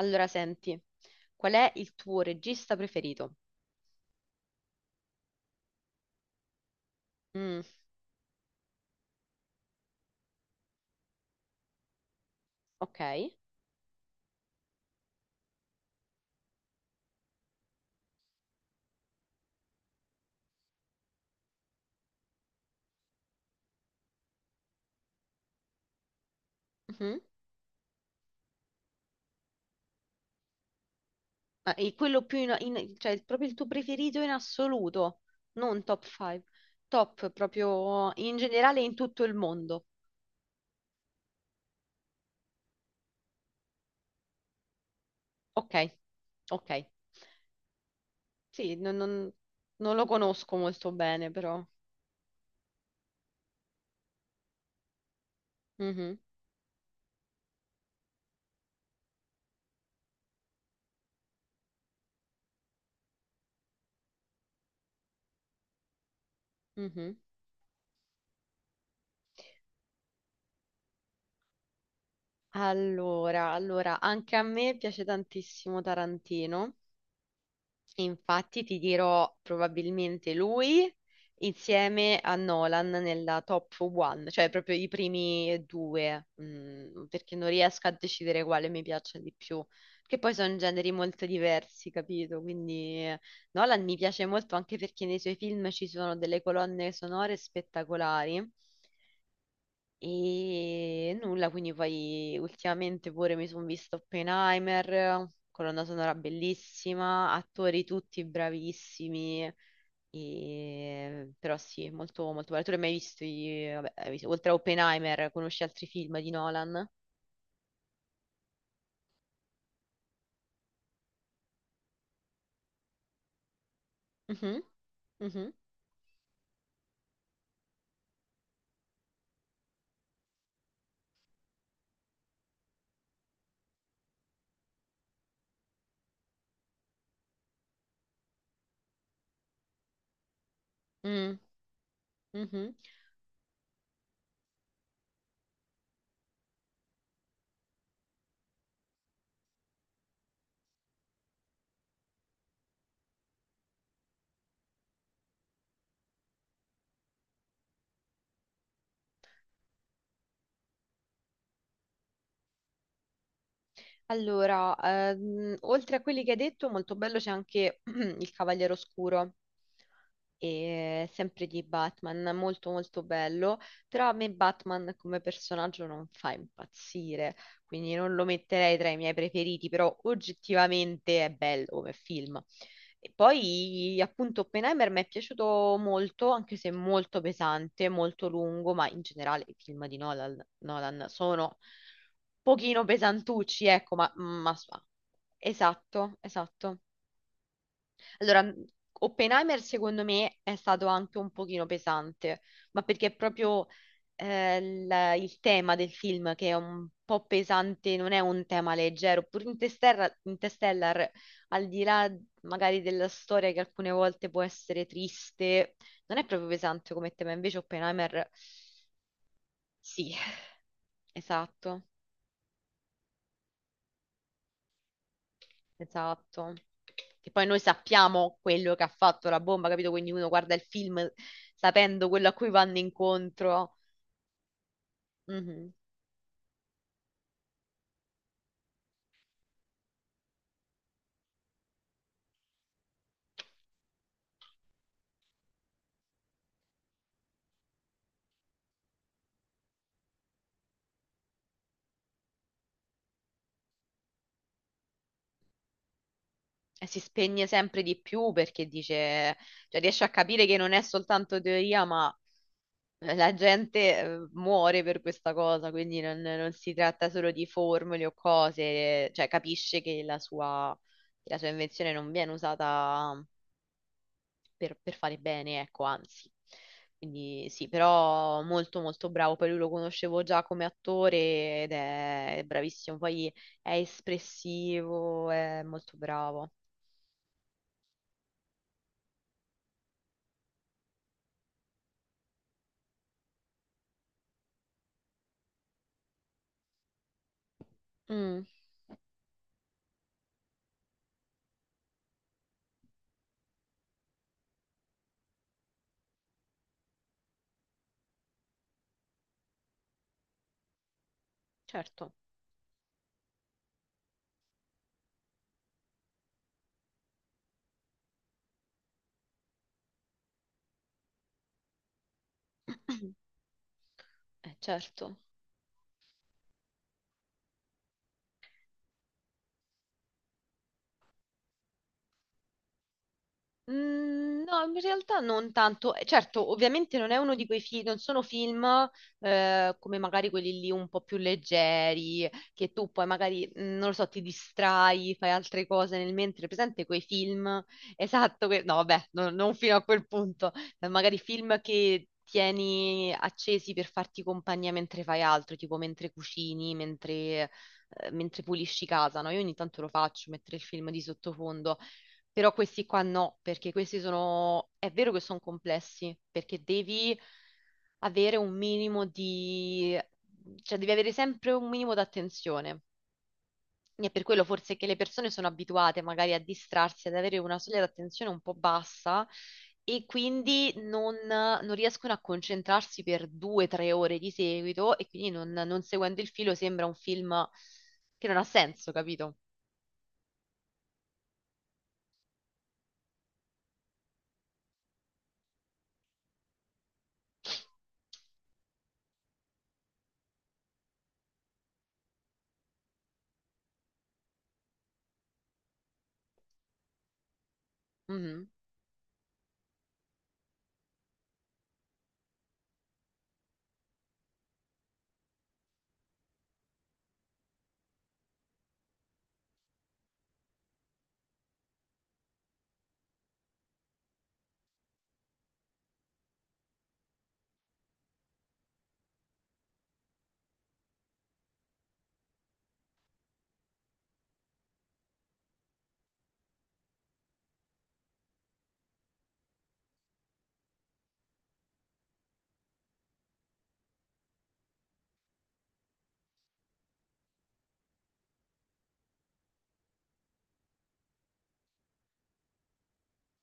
Allora, senti, qual è il tuo regista preferito? Mm, ok. Mhm. Ah, e quello più cioè proprio il tuo preferito in assoluto, non top 5, top proprio in generale in tutto il mondo. Ok, ok. Sì, non lo conosco molto bene, però. Mhm, mhm. Allora, anche a me piace tantissimo Tarantino. Infatti ti dirò probabilmente lui insieme a Nolan nella top one, cioè proprio i primi due, perché non riesco a decidere quale mi piace di più, che poi sono generi molto diversi, capito? Quindi Nolan mi piace molto anche perché nei suoi film ci sono delle colonne sonore spettacolari e nulla, quindi poi ultimamente pure mi sono visto Oppenheimer, colonna sonora bellissima, attori tutti bravissimi, però sì, molto, molto bello. Tu l'hai mai visto, vabbè, oltre a Oppenheimer, conosci altri film di Nolan? Mhm, mhm, mm, mhm. Allora, oltre a quelli che hai detto, molto bello c'è anche il Cavaliere Oscuro, e sempre di Batman, molto molto bello, però a me Batman come personaggio non fa impazzire, quindi non lo metterei tra i miei preferiti, però oggettivamente è bello come film. E poi appunto Oppenheimer mi è piaciuto molto, anche se molto pesante, molto lungo, ma in generale i film di Nolan, Nolan sono un pochino pesantucci, ecco, ma esatto, esatto. Allora, Oppenheimer secondo me è stato anche un pochino pesante, ma perché è proprio il tema del film che è un po' pesante, non è un tema leggero. Pure Interstellar, Interstellar, al di là magari della storia che alcune volte può essere triste, non è proprio pesante come tema, invece Oppenheimer sì, esatto. Esatto. Che poi noi sappiamo quello che ha fatto la bomba, capito? Quindi uno guarda il film sapendo quello a cui vanno incontro. Mhm. E si spegne sempre di più perché dice, cioè riesce a capire che non è soltanto teoria, ma la gente muore per questa cosa, quindi non si tratta solo di formule o cose, cioè capisce che la sua invenzione non viene usata per fare bene, ecco, anzi. Quindi sì, però molto molto bravo, poi lui lo conoscevo già come attore ed è bravissimo, poi è espressivo, è molto bravo. Mm, certo. Certo. Mm, no, in realtà non tanto. Certo, ovviamente non è uno di quei film, non sono film come magari quelli lì un po' più leggeri, che tu poi magari, non lo so, ti distrai, fai altre cose nel mentre. Presente quei film, esatto, no, vabbè, non fino a quel punto, magari film che tieni accesi per farti compagnia mentre fai altro, tipo mentre cucini, mentre pulisci casa, no? Io ogni tanto lo faccio, mettere il film di sottofondo però questi qua no, perché questi sono, è vero che sono complessi, perché devi avere un minimo di, cioè devi avere sempre un minimo d'attenzione. E per quello forse che le persone sono abituate magari a distrarsi, ad avere una soglia d'attenzione un po' bassa e quindi non riescono a concentrarsi per 2 o 3 ore di seguito e quindi non seguendo il filo sembra un film che non ha senso, capito? Mhm.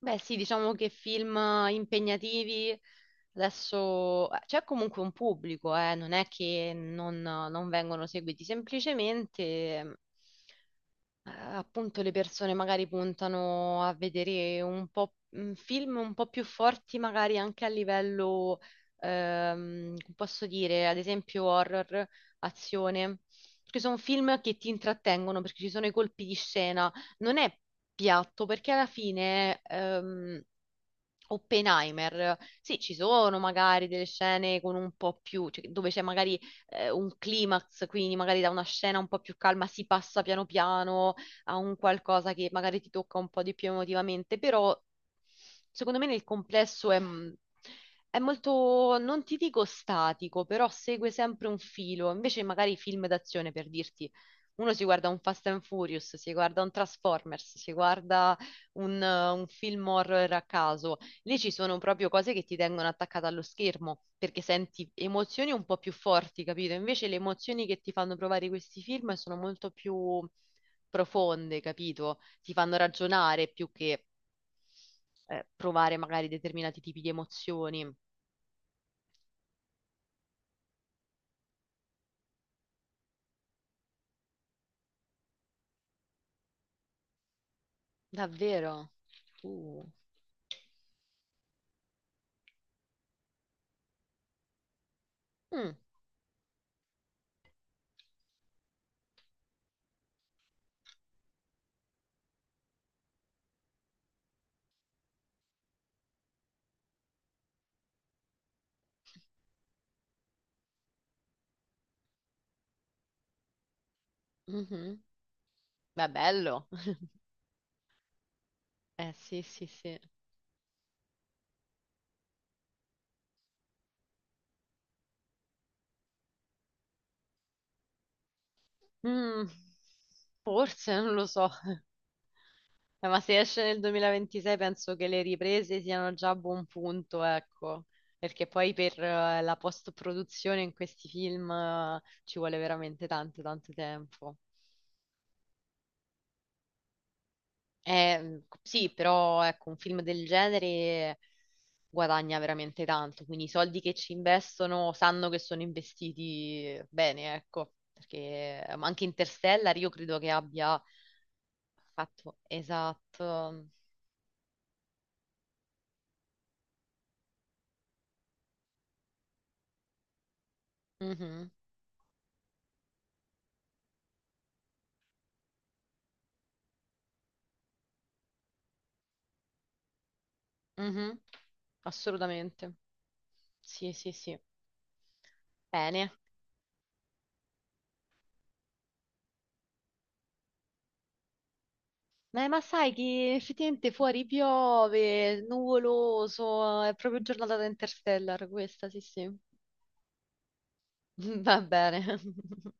Beh, sì, diciamo che film impegnativi adesso c'è comunque un pubblico, non è che non vengono seguiti, semplicemente appunto le persone magari puntano a vedere un po' film un po' più forti, magari anche a livello, come posso dire, ad esempio horror, azione, perché sono film che ti intrattengono, perché ci sono i colpi di scena, non è piatto, perché alla fine Oppenheimer, sì, ci sono magari delle scene con un po' più, cioè, dove c'è magari un climax, quindi magari da una scena un po' più calma si passa piano piano a un qualcosa che magari ti tocca un po' di più emotivamente, però secondo me nel complesso è molto, non ti dico statico, però segue sempre un filo. Invece magari i film d'azione, per dirti, uno si guarda un Fast and Furious, si guarda un Transformers, si guarda un film horror a caso. Lì ci sono proprio cose che ti tengono attaccata allo schermo, perché senti emozioni un po' più forti, capito? Invece le emozioni che ti fanno provare questi film sono molto più profonde, capito? Ti fanno ragionare più che provare magari determinati tipi di emozioni. Davvero? Uh. Mm. Mhm. Beh, bello. Eh sì, sì, sì. Mm, forse, non lo so. Ma se esce nel 2026 penso che le riprese siano già a buon punto, ecco. Perché poi per la post-produzione in questi film ci vuole veramente tanto, tanto tempo. Sì, però ecco, un film del genere guadagna veramente tanto, quindi i soldi che ci investono sanno che sono investiti bene, ecco, perché anche Interstellar io credo che abbia fatto esatto. Mhm, mhm. Assolutamente. Sì, sì, sì. Bene. Ma sai che effettivamente fuori piove, nuvoloso, è proprio giornata da Interstellar questa, sì, sì. Va bene.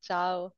Ciao.